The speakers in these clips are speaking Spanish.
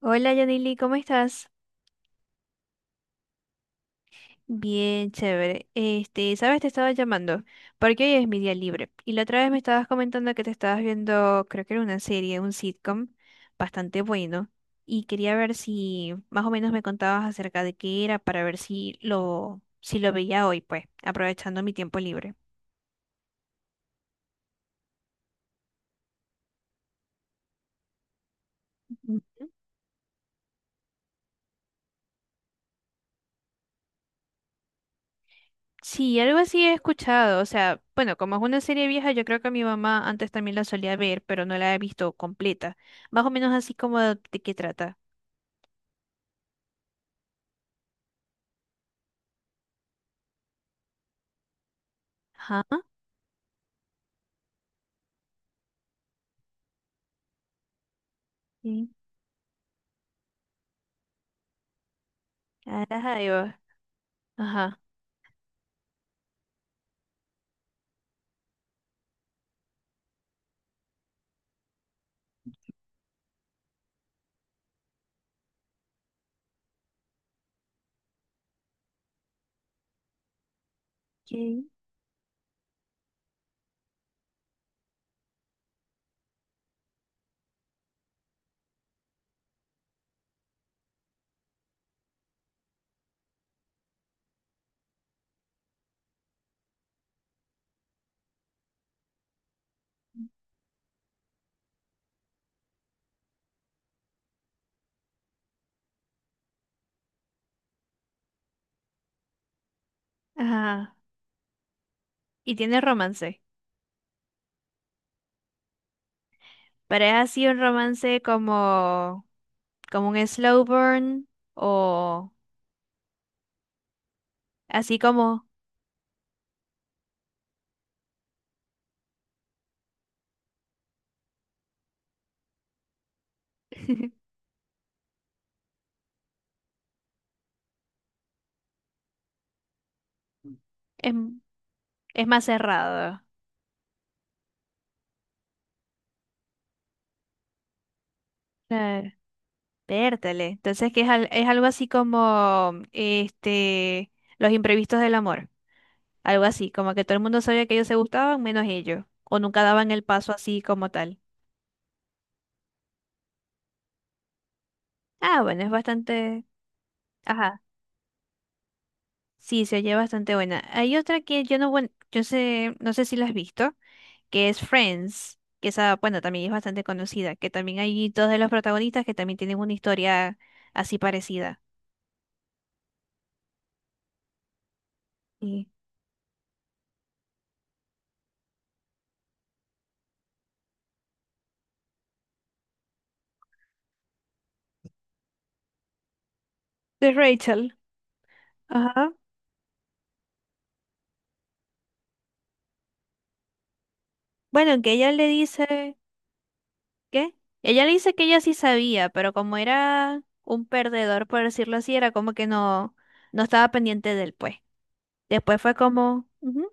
Hola Yanili, ¿cómo estás? Bien, chévere. Sabes, te estaba llamando porque hoy es mi día libre y la otra vez me estabas comentando que te estabas viendo, creo que era una serie, un sitcom bastante bueno y quería ver si más o menos me contabas acerca de qué era para ver si lo veía hoy, pues, aprovechando mi tiempo libre. Ujú. Sí, algo así he escuchado. O sea, bueno, como es una serie vieja, yo creo que mi mamá antes también la solía ver, pero no la he visto completa. Más o menos así como de qué trata. Ajá. Sí. Carajo, ahí va. Ajá. ¿Quién? Ajá. Y tiene romance. Pero es así un romance como, como un slow burn o así como es, es más cerrado. Claro. Vértale. Entonces que es, al- es algo así como este los imprevistos del amor. Algo así, como que todo el mundo sabía que ellos se gustaban menos ellos. O nunca daban el paso así como tal. Ah, bueno, es bastante. Ajá. Sí, se oye bastante buena. Hay otra que yo no, yo sé, no sé si la has visto, que es Friends, que esa, bueno, también es bastante conocida, que también hay dos de los protagonistas que también tienen una historia así parecida. Sí. De Rachel. Ajá. Bueno, que ella le dice, ¿qué? Ella le dice que ella sí sabía, pero como era un perdedor, por decirlo así, era como que no, no estaba pendiente del pues. Después fue como, ujú.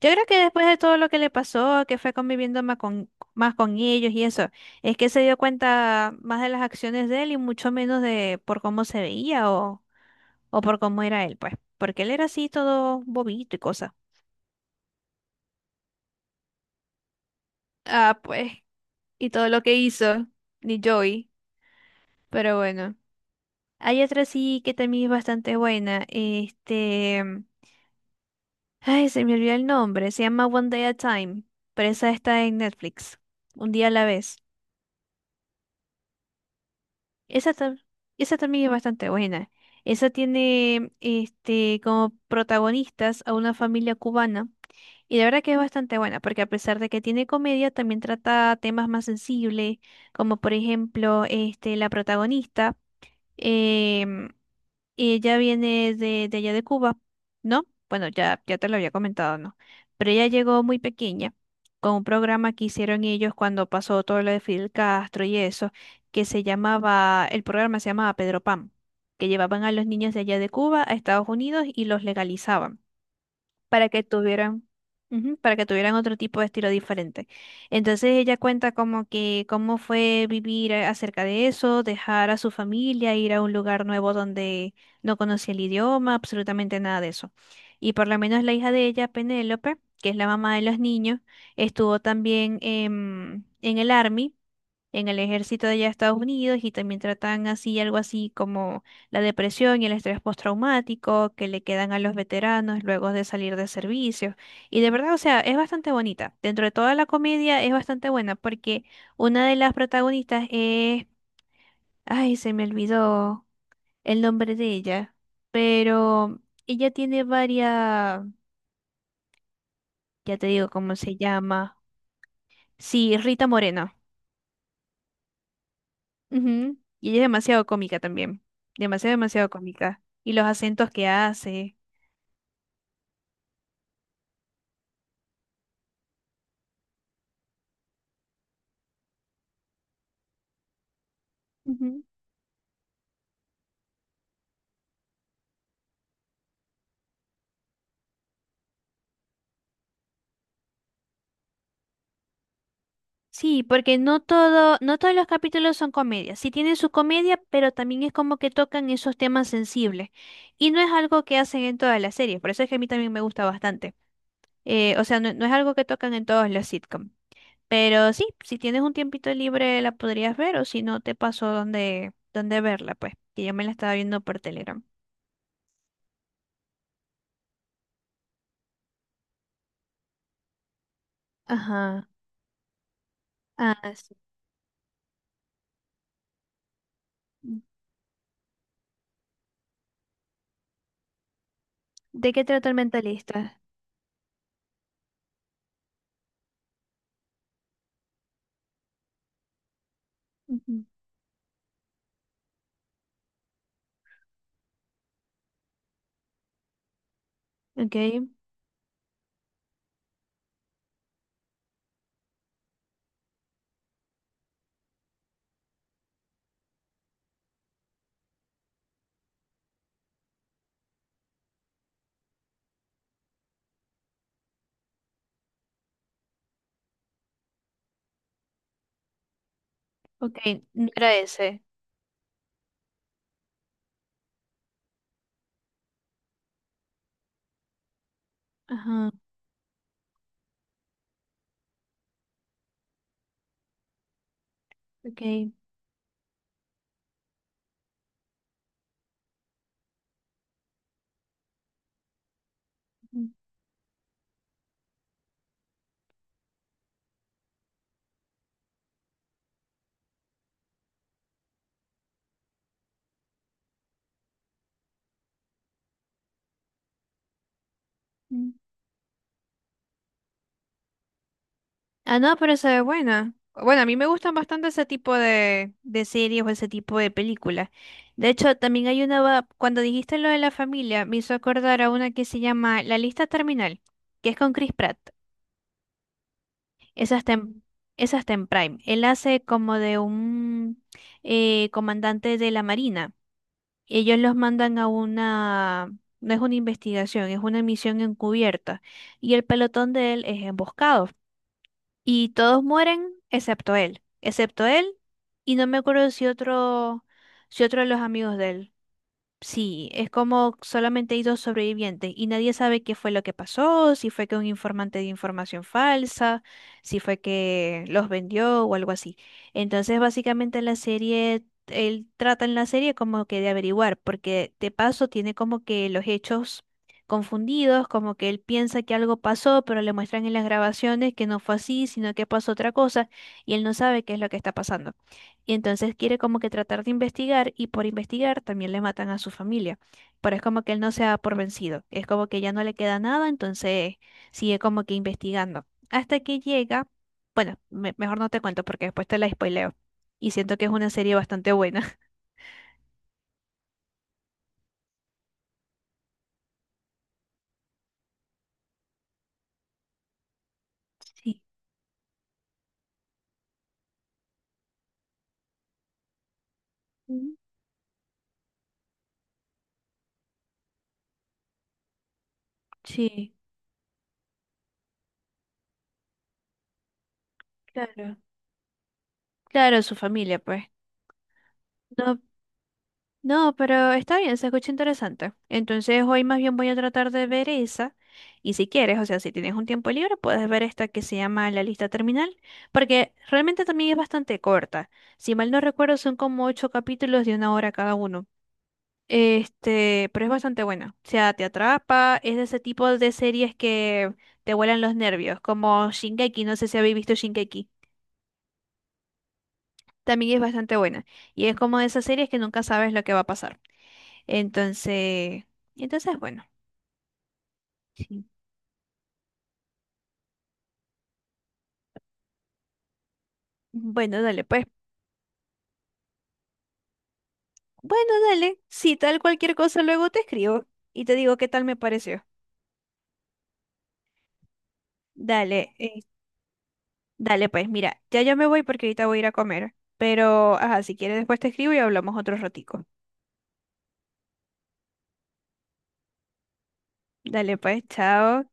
Yo creo que después de todo lo que le pasó, que fue conviviendo más con ellos y eso, es que se dio cuenta más de las acciones de él y mucho menos de por cómo se veía o por cómo era él, pues, porque él era así todo bobito y cosa. Ah, pues, y todo lo que hizo, ni Joey, pero bueno. Hay otra sí que también es bastante buena, este, ay, se me olvidó el nombre, se llama One Day at a Time, pero esa está en Netflix, un día a la vez. Esa, esa también es bastante buena. Esa tiene este, como protagonistas a una familia cubana y la verdad que es bastante buena porque a pesar de que tiene comedia, también trata temas más sensibles, como por ejemplo este, la protagonista. em, y ella viene de allá de Cuba, ¿no? Bueno, ya, ya te lo había comentado, ¿no? Pero ella llegó muy pequeña con un programa que hicieron ellos cuando pasó todo lo de Fidel Castro y eso, que se llamaba, el programa se llamaba Pedro Pan, que llevaban a los niños de allá de Cuba a Estados Unidos y los legalizaban para que tuvieran, ujú, para que tuvieran otro tipo de estilo diferente. Entonces ella cuenta como que cómo fue vivir acerca de eso, dejar a su familia, ir a un lugar nuevo donde no conocía el idioma, absolutamente nada de eso. Y por lo menos la hija de ella, Penélope, que es la mamá de los niños, estuvo también en el Army, en el ejército de allá de Estados Unidos y también tratan así algo así como la depresión y el estrés postraumático que le quedan a los veteranos luego de salir de servicio. Y de verdad, o sea, es bastante bonita. Dentro de toda la comedia es bastante buena porque una de las protagonistas es, ay, se me olvidó el nombre de ella, pero ella tiene varias, ya te digo cómo se llama. Sí, Rita Moreno. Ujú. Y ella es demasiado cómica también. Demasiado, demasiado cómica. Y los acentos que hace. Ujú. Sí, porque no todos los capítulos son comedias. Sí tienen su comedia, pero también es como que tocan esos temas sensibles. Y no es algo que hacen en todas las series. Por eso es que a mí también me gusta bastante. O sea, no, no es algo que tocan en todos los sitcoms. Pero sí, si tienes un tiempito libre la podrías ver, o si no te pasó dónde verla, pues. Que yo me la estaba viendo por Telegram. Ajá. Ah, sí. ¿De qué trata el mentalista? Ujú. Ok, ok, no era ese. Ajá, ok. Ujú. Ah, no, pero se ve buena. Bueno, a mí me gustan bastante ese tipo de series o ese tipo de películas. De hecho, también hay una, cuando dijiste lo de la familia, me hizo acordar a una que se llama La Lista Terminal, que es con Chris Pratt. Esa está en, esa está en Prime. Él hace como de un comandante de la Marina. Ellos los mandan a una, no es una investigación, es una misión encubierta. Y el pelotón de él es emboscado. Y todos mueren excepto él. Excepto él. Y no me acuerdo si otro, si otro de los amigos de él. Sí, es como solamente hay dos sobrevivientes y nadie sabe qué fue lo que pasó, si fue que un informante dio información falsa, si fue que los vendió o algo así. Entonces, básicamente la serie, él trata en la serie como que de averiguar, porque de paso tiene como que los hechos confundidos, como que él piensa que algo pasó, pero le muestran en las grabaciones que no fue así, sino que pasó otra cosa y él no sabe qué es lo que está pasando. Y entonces quiere como que tratar de investigar y por investigar también le matan a su familia. Pero es como que él no se da por vencido. Es como que ya no le queda nada, entonces sigue como que investigando. Hasta que llega, bueno, mejor no te cuento porque después te la spoileo. Y siento que es una serie bastante buena. Sí. Mm. Sí, claro. Claro, su familia, pues. No, no, pero está bien, se escucha interesante. Entonces hoy más bien voy a tratar de ver esa. Y si quieres, o sea, si tienes un tiempo libre, puedes ver esta que se llama La lista terminal, porque realmente también es bastante corta. Si mal no recuerdo, son como ocho capítulos de una hora cada uno. Este, pero es bastante buena. O sea, te atrapa, es de ese tipo de series que te vuelan los nervios, como Shingeki, no sé si habéis visto Shingeki. También es bastante buena. Y es como de esas series que nunca sabes lo que va a pasar. Entonces, entonces bueno, sí. Bueno, dale, pues. Bueno, dale. Si tal cualquier cosa, luego te escribo y te digo qué tal me pareció. Dale, dale, pues, mira, ya yo me voy porque ahorita voy a ir a comer. Pero, ajá, si quieres después te escribo y hablamos otro ratico. Dale, pues, chao.